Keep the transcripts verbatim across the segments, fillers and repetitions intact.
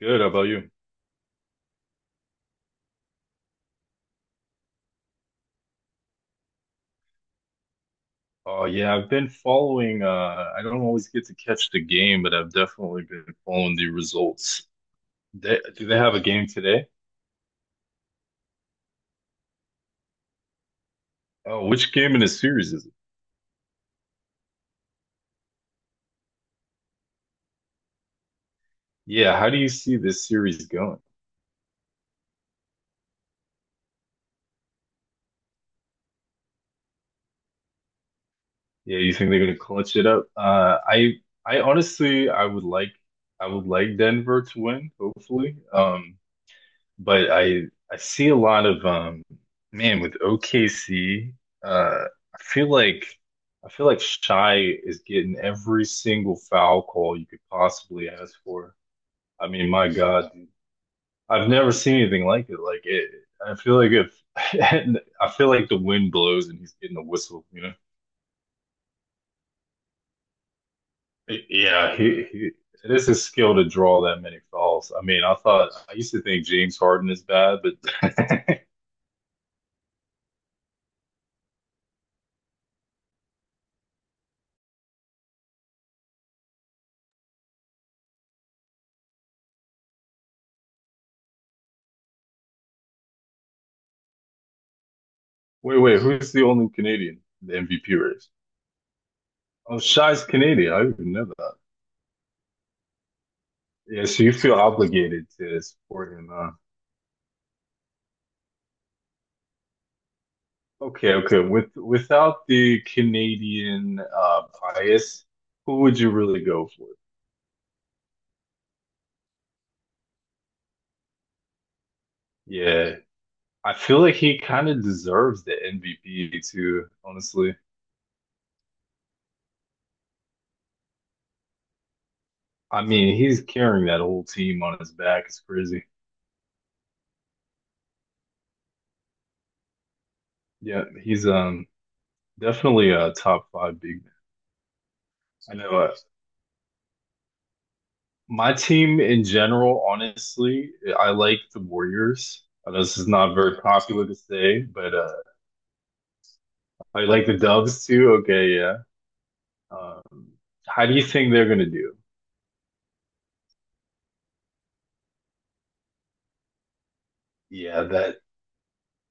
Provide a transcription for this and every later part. Good. How about you? Oh yeah, I've been following. Uh, I don't always get to catch the game, but I've definitely been following the results. They, do they have a game today? Oh, which game in the series is it? Yeah, how do you see this series going? Yeah, you think they're gonna clutch it up? Uh, I, I honestly, I would like, I would like Denver to win, hopefully. Um, but I I see a lot of um man with O K C uh I feel like I feel like Shy is getting every single foul call you could possibly ask for. I mean, my God, I've never seen anything like it. Like it, I feel like if I feel like the wind blows and he's getting a whistle, you know. Yeah, he, he it is his skill to draw that many fouls. I mean, I thought I used to think James Harden is bad, but Wait, wait, who's the only Canadian in the M V P race? Oh, Shai's Canadian. I didn't know that. Yeah, so you feel obligated to support him, huh? Okay, okay. With without the Canadian uh bias, who would you really go for? Yeah. I feel like he kind of deserves the M V P too, honestly. I mean, he's carrying that whole team on his back. It's crazy. Yeah, he's um definitely a top five big man. I know. uh, My team in general, honestly, I like the Warriors. Uh, This is not very popular to say, but uh, I like the Dubs too. Okay, yeah. Um, how do you think they're gonna do? Yeah, that.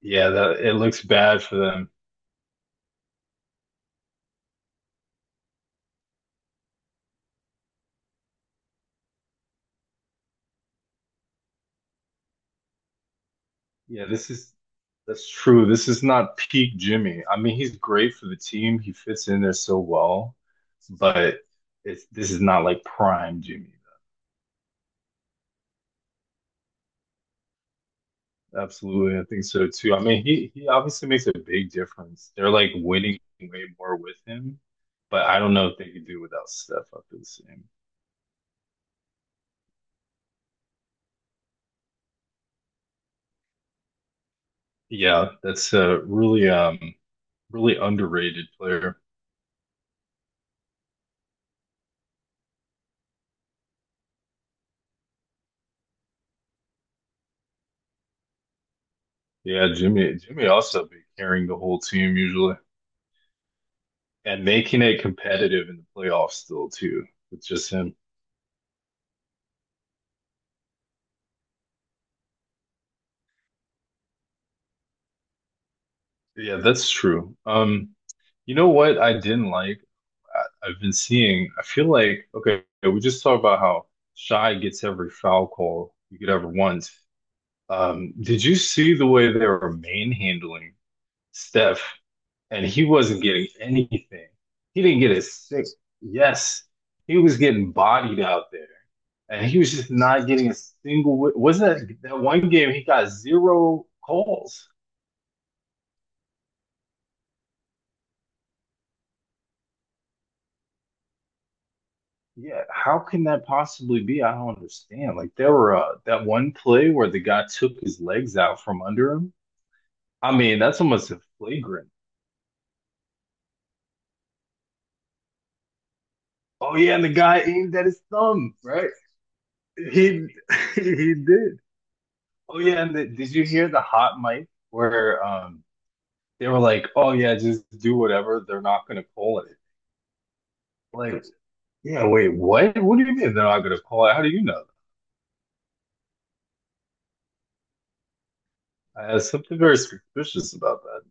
Yeah, that. It looks bad for them. Yeah, this is. That's true. This is not peak Jimmy. I mean, he's great for the team. He fits in there so well, but it's this is not like prime Jimmy. Absolutely, I think so too. I mean, he he obviously makes a big difference. They're like winning way more with him, but I don't know if they could do without Steph up to the same. Yeah, that's a really um really underrated player. Yeah, Jimmy Jimmy also be carrying the whole team usually and making it competitive in the playoffs still too with just him. Yeah, that's true. Um, you know what I didn't like I- I've been seeing, I feel like, okay, we just talked about how Shy gets every foul call you could ever want. Um, did you see the way they were manhandling Steph and he wasn't getting anything? He didn't get a six. Yes, he was getting bodied out there and he was just not getting a single. wi- Wasn't that that one game he got zero calls? Yeah, how can that possibly be? I don't understand. Like there were uh, that one play where the guy took his legs out from under him. I mean, that's almost a flagrant. Oh yeah, and the guy aimed at his thumb, right? He he did. Oh yeah, and the, did you hear the hot mic where um they were like, "Oh yeah, just do whatever. They're not going to call it." Like, yeah, wait, what? What do you mean they're not going to call it? How do you know that? I have something very suspicious about that.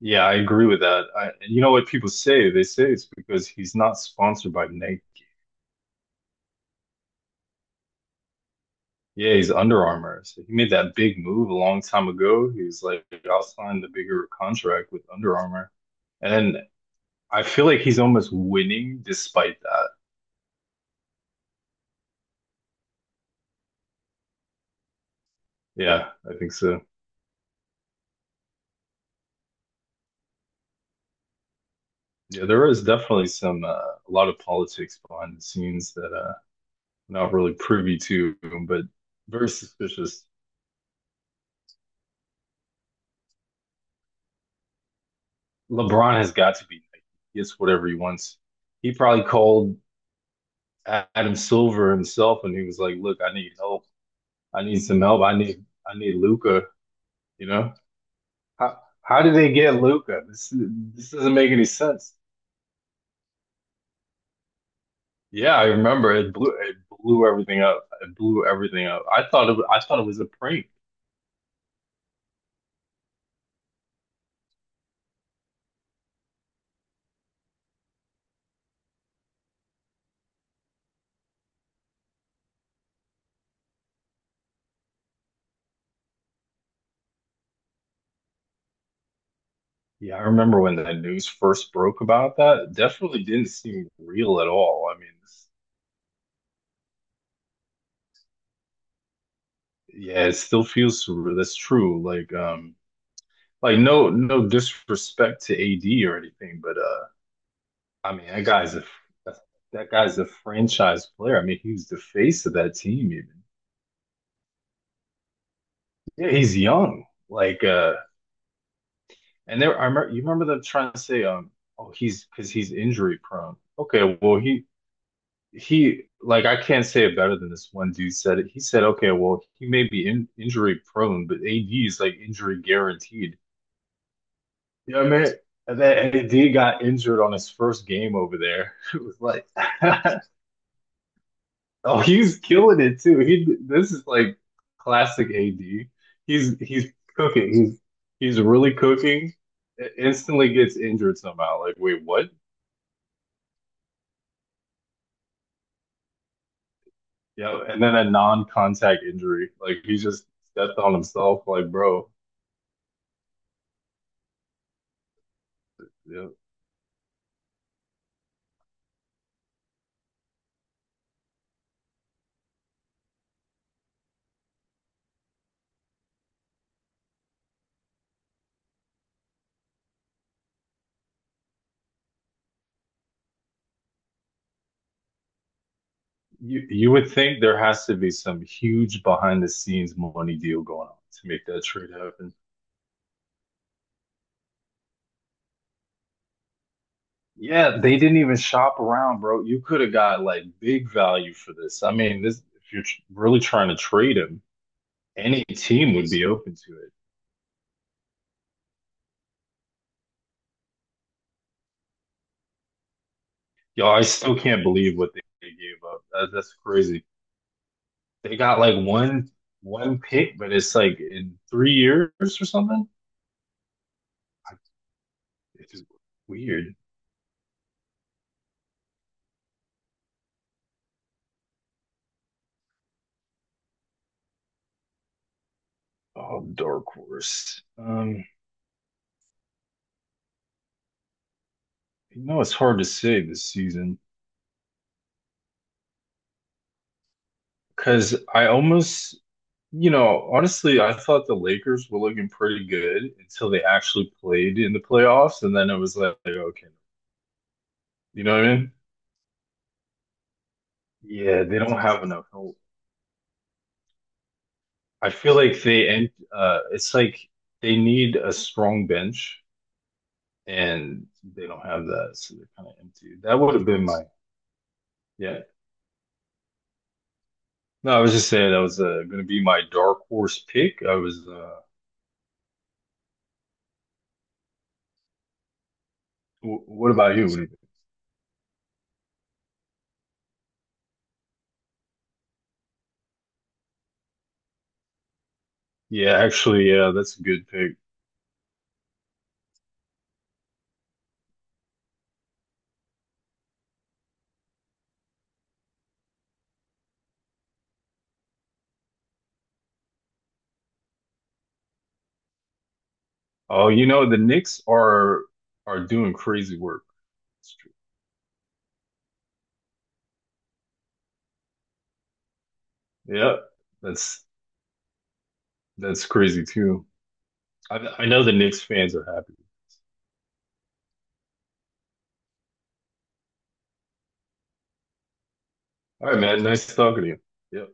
Yeah, I agree with that. I, you know what people say? They say it's because he's not sponsored by Nike. Yeah, he's Under Armour. So he made that big move a long time ago. He's like, I'll sign the bigger contract with Under Armour. And I feel like he's almost winning despite that. Yeah, I think so. Yeah, there is definitely some, uh, a lot of politics behind the scenes that uh, I'm not really privy to, but very suspicious. LeBron has got to be Nike. He gets whatever he wants. He probably called Adam Silver himself, and he was like, "Look, I need help. I need some help. I need I need Luca." You know how how did they get Luca? This this doesn't make any sense. Yeah, I remember it blew it blew everything up. It blew everything up. I thought it I thought it was a prank. Yeah, I remember when the news first broke about that. It definitely didn't seem real at all. I mean, it's- yeah, it still feels surreal. That's true. Like um, like no no disrespect to A D or anything, but uh. I mean, that guy's a that guy's a franchise player. I mean, he was the face of that team. Even yeah, he's young. Like, uh, and there, I remember, you remember them trying to say, um, oh, he's because he's injury prone. Okay, well, he he like I can't say it better than this one dude said it. He said, okay, well, he may be in, injury prone, but A D is like injury guaranteed. You know what I mean? And then A D got injured on his first game over there. It was like Oh, he's killing it too. He this is like classic A D. He's he's cooking. He's he's really cooking. Instantly gets injured somehow. Like, wait, what? Yeah, and then a non-contact injury. Like he just stepped on himself. Like, bro, yeah. you you would think there has to be some huge behind the scenes money deal going on to make that trade happen. Yeah, they didn't even shop around, bro. You could have got like big value for this. I mean, this if you're tr- really trying to trade him any team would be open to it. Yo, I still can't believe what they, they gave up. That, that's crazy. They got like one one pick, but it's like in three years or something. I, it's just weird. Oh, dark horse. Um, you know it's hard to say this season because I almost, you know, honestly, I thought the Lakers were looking pretty good until they actually played in the playoffs, and then it was like, like, okay, you know what I mean? Yeah, they don't have enough help. I feel like they end uh it's like they need a strong bench and they don't have that, so they're kind of empty. That would have been my yeah. No, I was just saying that was uh, going to be my dark horse pick. I was uh w what about you? What do you think? Yeah, actually, yeah, that's a good pick. Oh, you know, the Knicks are are doing crazy work. That's true. Yeah, that's that's crazy too. I I know the Knicks fans are happy. All right, man, nice talking to you. Yeah.